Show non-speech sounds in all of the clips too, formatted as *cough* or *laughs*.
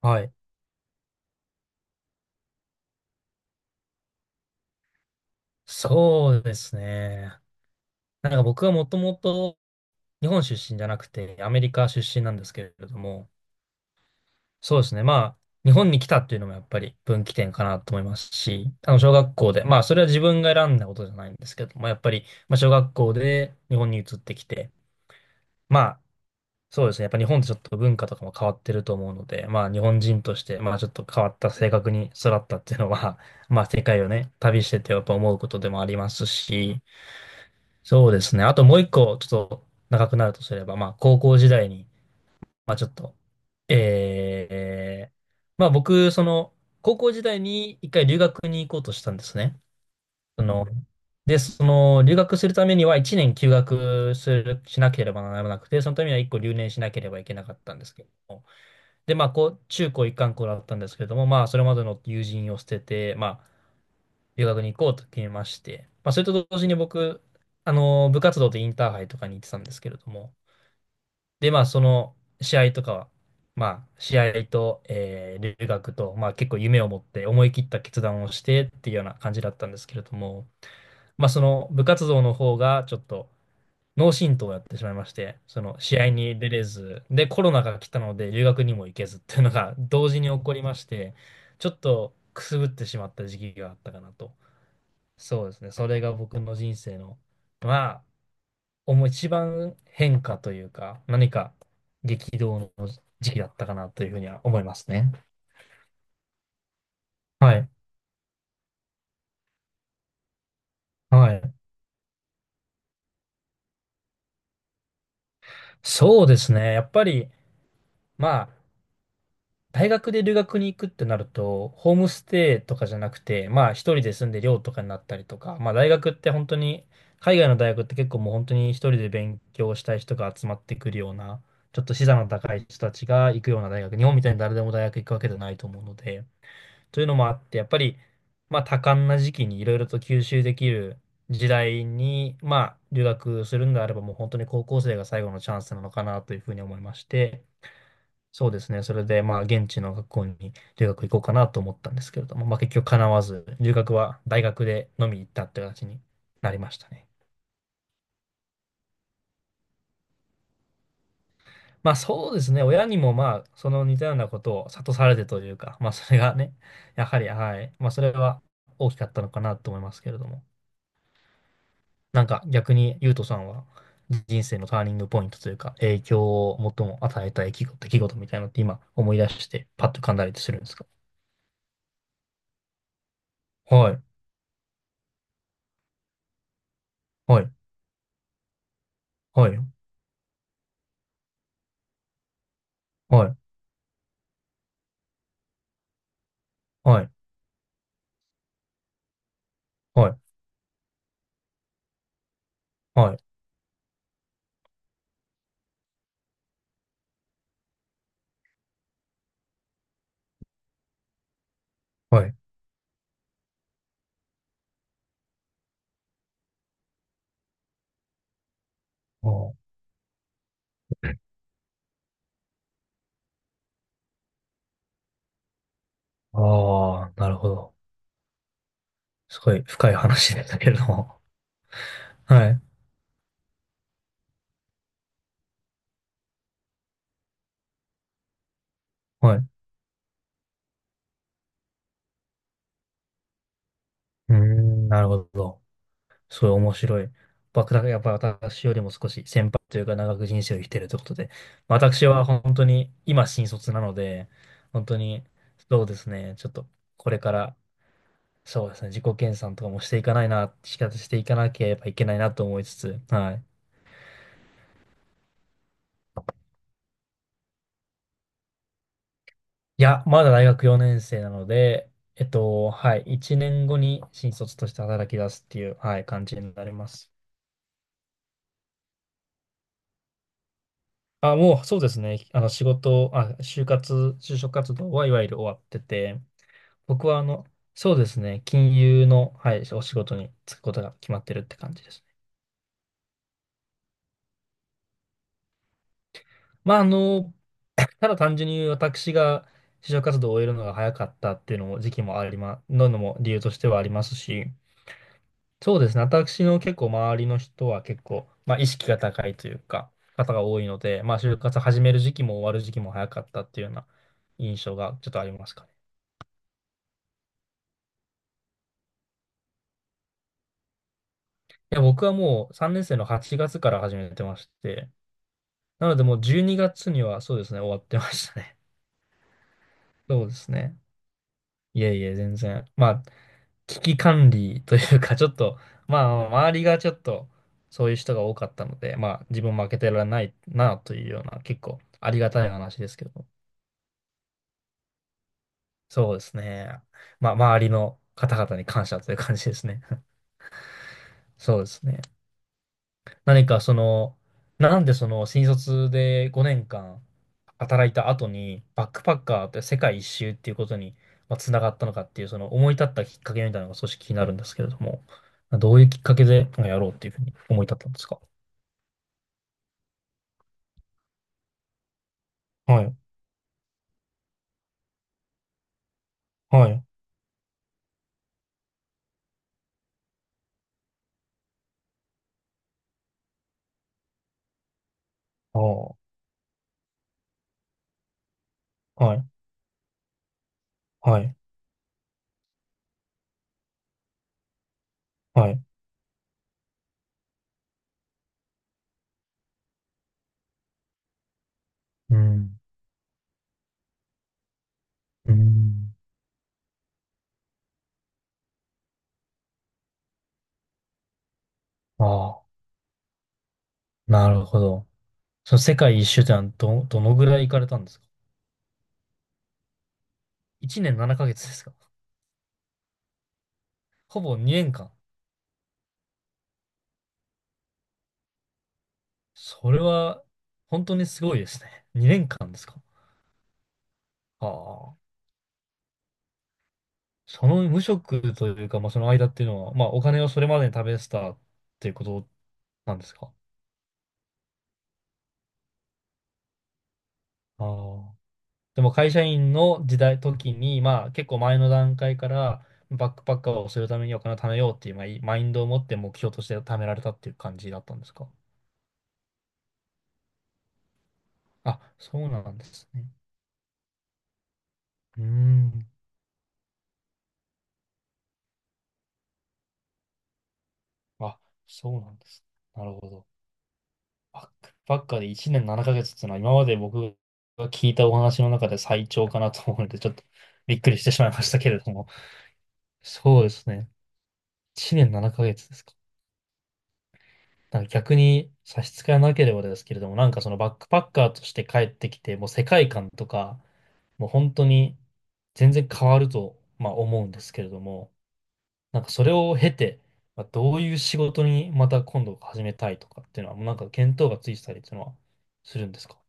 はい。そうですね。なんか僕はもともと日本出身じゃなくてアメリカ出身なんですけれども、そうですね。日本に来たっていうのもやっぱり分岐点かなと思いますし、小学校で、それは自分が選んだことじゃないんですけども、やっぱり、小学校で日本に移ってきて、まあ、そうですね。やっぱ日本ってちょっと文化とかも変わってると思うので、日本人として、ちょっと変わった性格に育ったっていうのは、世界をね、旅しててやっぱ思うことでもありますし、そうですね。あともう一個、ちょっと長くなるとすれば、高校時代に、まあ、ちょっと、えー、まあ、僕、その、高校時代に一回留学に行こうとしたんですね。その、で、その、留学するためには一年休学しなければならなくて、そのためには一個留年しなければいけなかったんですけども。で、中高一貫校だったんですけれども、それまでの友人を捨てて、留学に行こうと決めまして、それと同時に僕、部活動でインターハイとかに行ってたんですけれども、で、その試合とかは、試合と、留学と、結構夢を持って思い切った決断をしてっていうような感じだったんですけれども、その部活動の方がちょっと脳震盪をやってしまいまして、その試合に出れず、で、コロナが来たので留学にも行けずっていうのが同時に起こりまして、ちょっとくすぶってしまった時期があったかなと。そうですね。それが僕の人生の、まあ、思う一番変化というか、何か激動の時期だったかなというふうには思いますね。はい。はい。そうですね。やっぱり、まあ、大学で留学に行くってなると、ホームステイとかじゃなくて、一人で住んで寮とかになったりとか、大学って本当に、海外の大学って結構もう本当に一人で勉強したい人が集まってくるような、ちょっと資産の高い人たちが行くような大学、日本みたいに誰でも大学行くわけじゃないと思うので、というのもあって、やっぱり、多感な時期にいろいろと吸収できる時代に、留学するんであれば、もう本当に高校生が最後のチャンスなのかなというふうに思いまして、そうですね。それで、現地の学校に留学行こうかなと思ったんですけれども、結局叶わず、留学は大学でのみ行ったという形になりましたね。そうですね。親にも、その似たようなことを諭されてというか、それがね、やはり、はい。それは大きかったのかなと思いますけれども。なんか逆に、ゆうとさんは人生のターニングポイントというか、影響を最も与えた出来事みたいなのって今思い出して、パッと噛んだりするんですか？はい、はい、はい、はい、はい、はい、はい、はい。ああ、あーなるほど。すごい深い話でしたけれども。はい、はい。うーん、なるほど。すごい面白い。僕だからやっぱ私よりも少し先輩というか長く人生を生きてるということで、私は本当に今新卒なので、本当にそうですね、ちょっとこれからそうですね、自己研鑽とかもしていかないな、仕方していかなければいけないなと思いつつ、はい。いや、まだ大学4年生なので、はい、1年後に新卒として働き出すっていう、はい、感じになります。あ、もうそうですね、あの仕事、あ、就活、就職活動はいわゆる終わってて、僕はそうですね、金融の、はい、お仕事に就くことが決まってるって感じですね。まあ、あの、*clears throat* *laughs* ただ単純に私が就職活動を終えるのが早かったっていうのも時期もありま、ののも理由としてはありますし、そうですね、私の結構周りの人は結構、意識が高いというか、方が多いので、就活始める時期も終わる時期も早かったっていうような印象がちょっとありますかね。いや、僕はもう3年生の8月から始めてまして、なのでもう12月にがつにはそうですね、終わってましたね。*laughs* そうですね。いえいえ、全然。危機管理というか、ちょっと、周りがちょっと、そういう人が多かったので、自分負けてられないなというような、結構ありがたい話ですけど、そうですね。周りの方々に感謝という感じですね。*laughs* そうですね。何かその、なんでその新卒で5年間働いた後にバックパッカーって世界一周っていうことにつながったのかっていうその思い立ったきっかけみたいなのが少し気になるんですけれども、どういうきっかけでやろうっていうふうに思い立ったんですか？はい、はい、ああ、はい、はい、はい。うん、うん。ああ、なるほど。その世界一周ってのはどのぐらい行かれたんですか？ 1 年7ヶ月ですか？ほぼ2年間。それは本当にすごいですね。2年間ですか。ああ。その無職というか、その間っていうのは、お金をそれまでに食べてたっていうことなんですか。ああ。でも会社員の時に、結構前の段階から、バックパッカーをするためにお金を貯めようっていう、マインドを持って目標として貯められたっていう感じだったんですか。あ、そうなんですね。うーん。あ、そうなんです。なるほど。バックパッカーで1年7ヶ月っていうのは今まで僕が聞いたお話の中で最長かなと思うので、ちょっとびっくりしてしまいましたけれども。そうですね。1年7ヶ月ですか。なんか逆に差し支えなければですけれども、なんかそのバックパッカーとして帰ってきて、もう世界観とか、もう本当に全然変わると、思うんですけれども、なんかそれを経て、どういう仕事にまた今度始めたいとかっていうのは、もうなんか見当がついてたりっていうのはするんですか？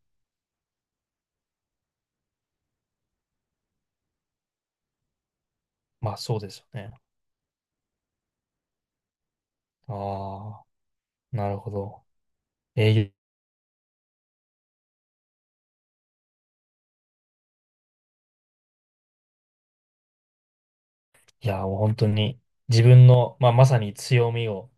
まあそうですよね。ああ、なるほど。えーいや、もう本当に自分の、まさに強みを、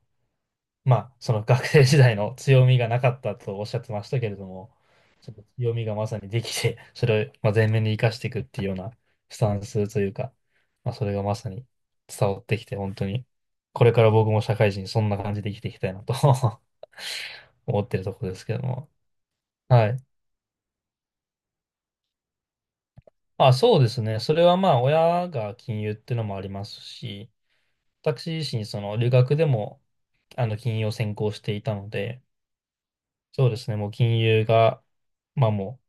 その学生時代の強みがなかったとおっしゃってましたけれども、ちょっと強みがまさにできて、それを、前面に生かしていくっていうようなスタンスというか、それがまさに伝わってきて、本当に、これから僕も社会人、そんな感じで生きていきたいなと *laughs* 思ってるところですけども。はい。あ、そうですね。それはまあ、親が金融っていうのもありますし、私自身、その留学でも、金融を専攻していたので、そうですね、もう金融が、まあもう、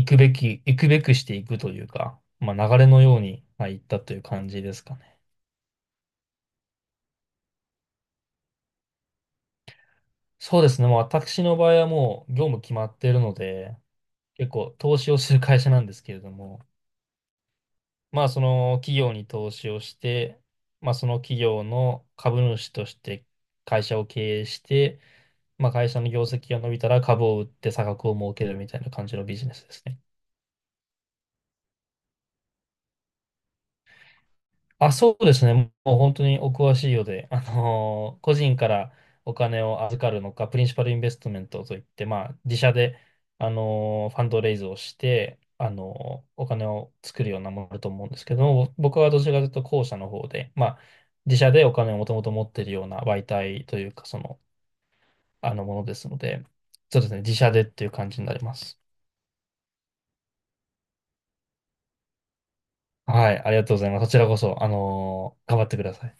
行くべくしていくというか、流れのように、行ったという感じですかね。そうですね、もう私の場合はもう業務決まっているので、結構投資をする会社なんですけれども、その企業に投資をして、その企業の株主として会社を経営して、会社の業績が伸びたら株を売って差額を儲けるみたいな感じのビジネスですね。あ、そうですね。もう本当にお詳しいようで、個人からお金を預かるのか、プリンシパルインベストメントといって、自社で、ファンドレイズをして、お金を作るようなものだと思うんですけども、僕はどちらかというと後者の方で、自社でお金をもともと持っているような媒体というか、その、あのものですので、そうですね、自社でっていう感じになります。はい、ありがとうございます。こちらこそ、頑張ってください。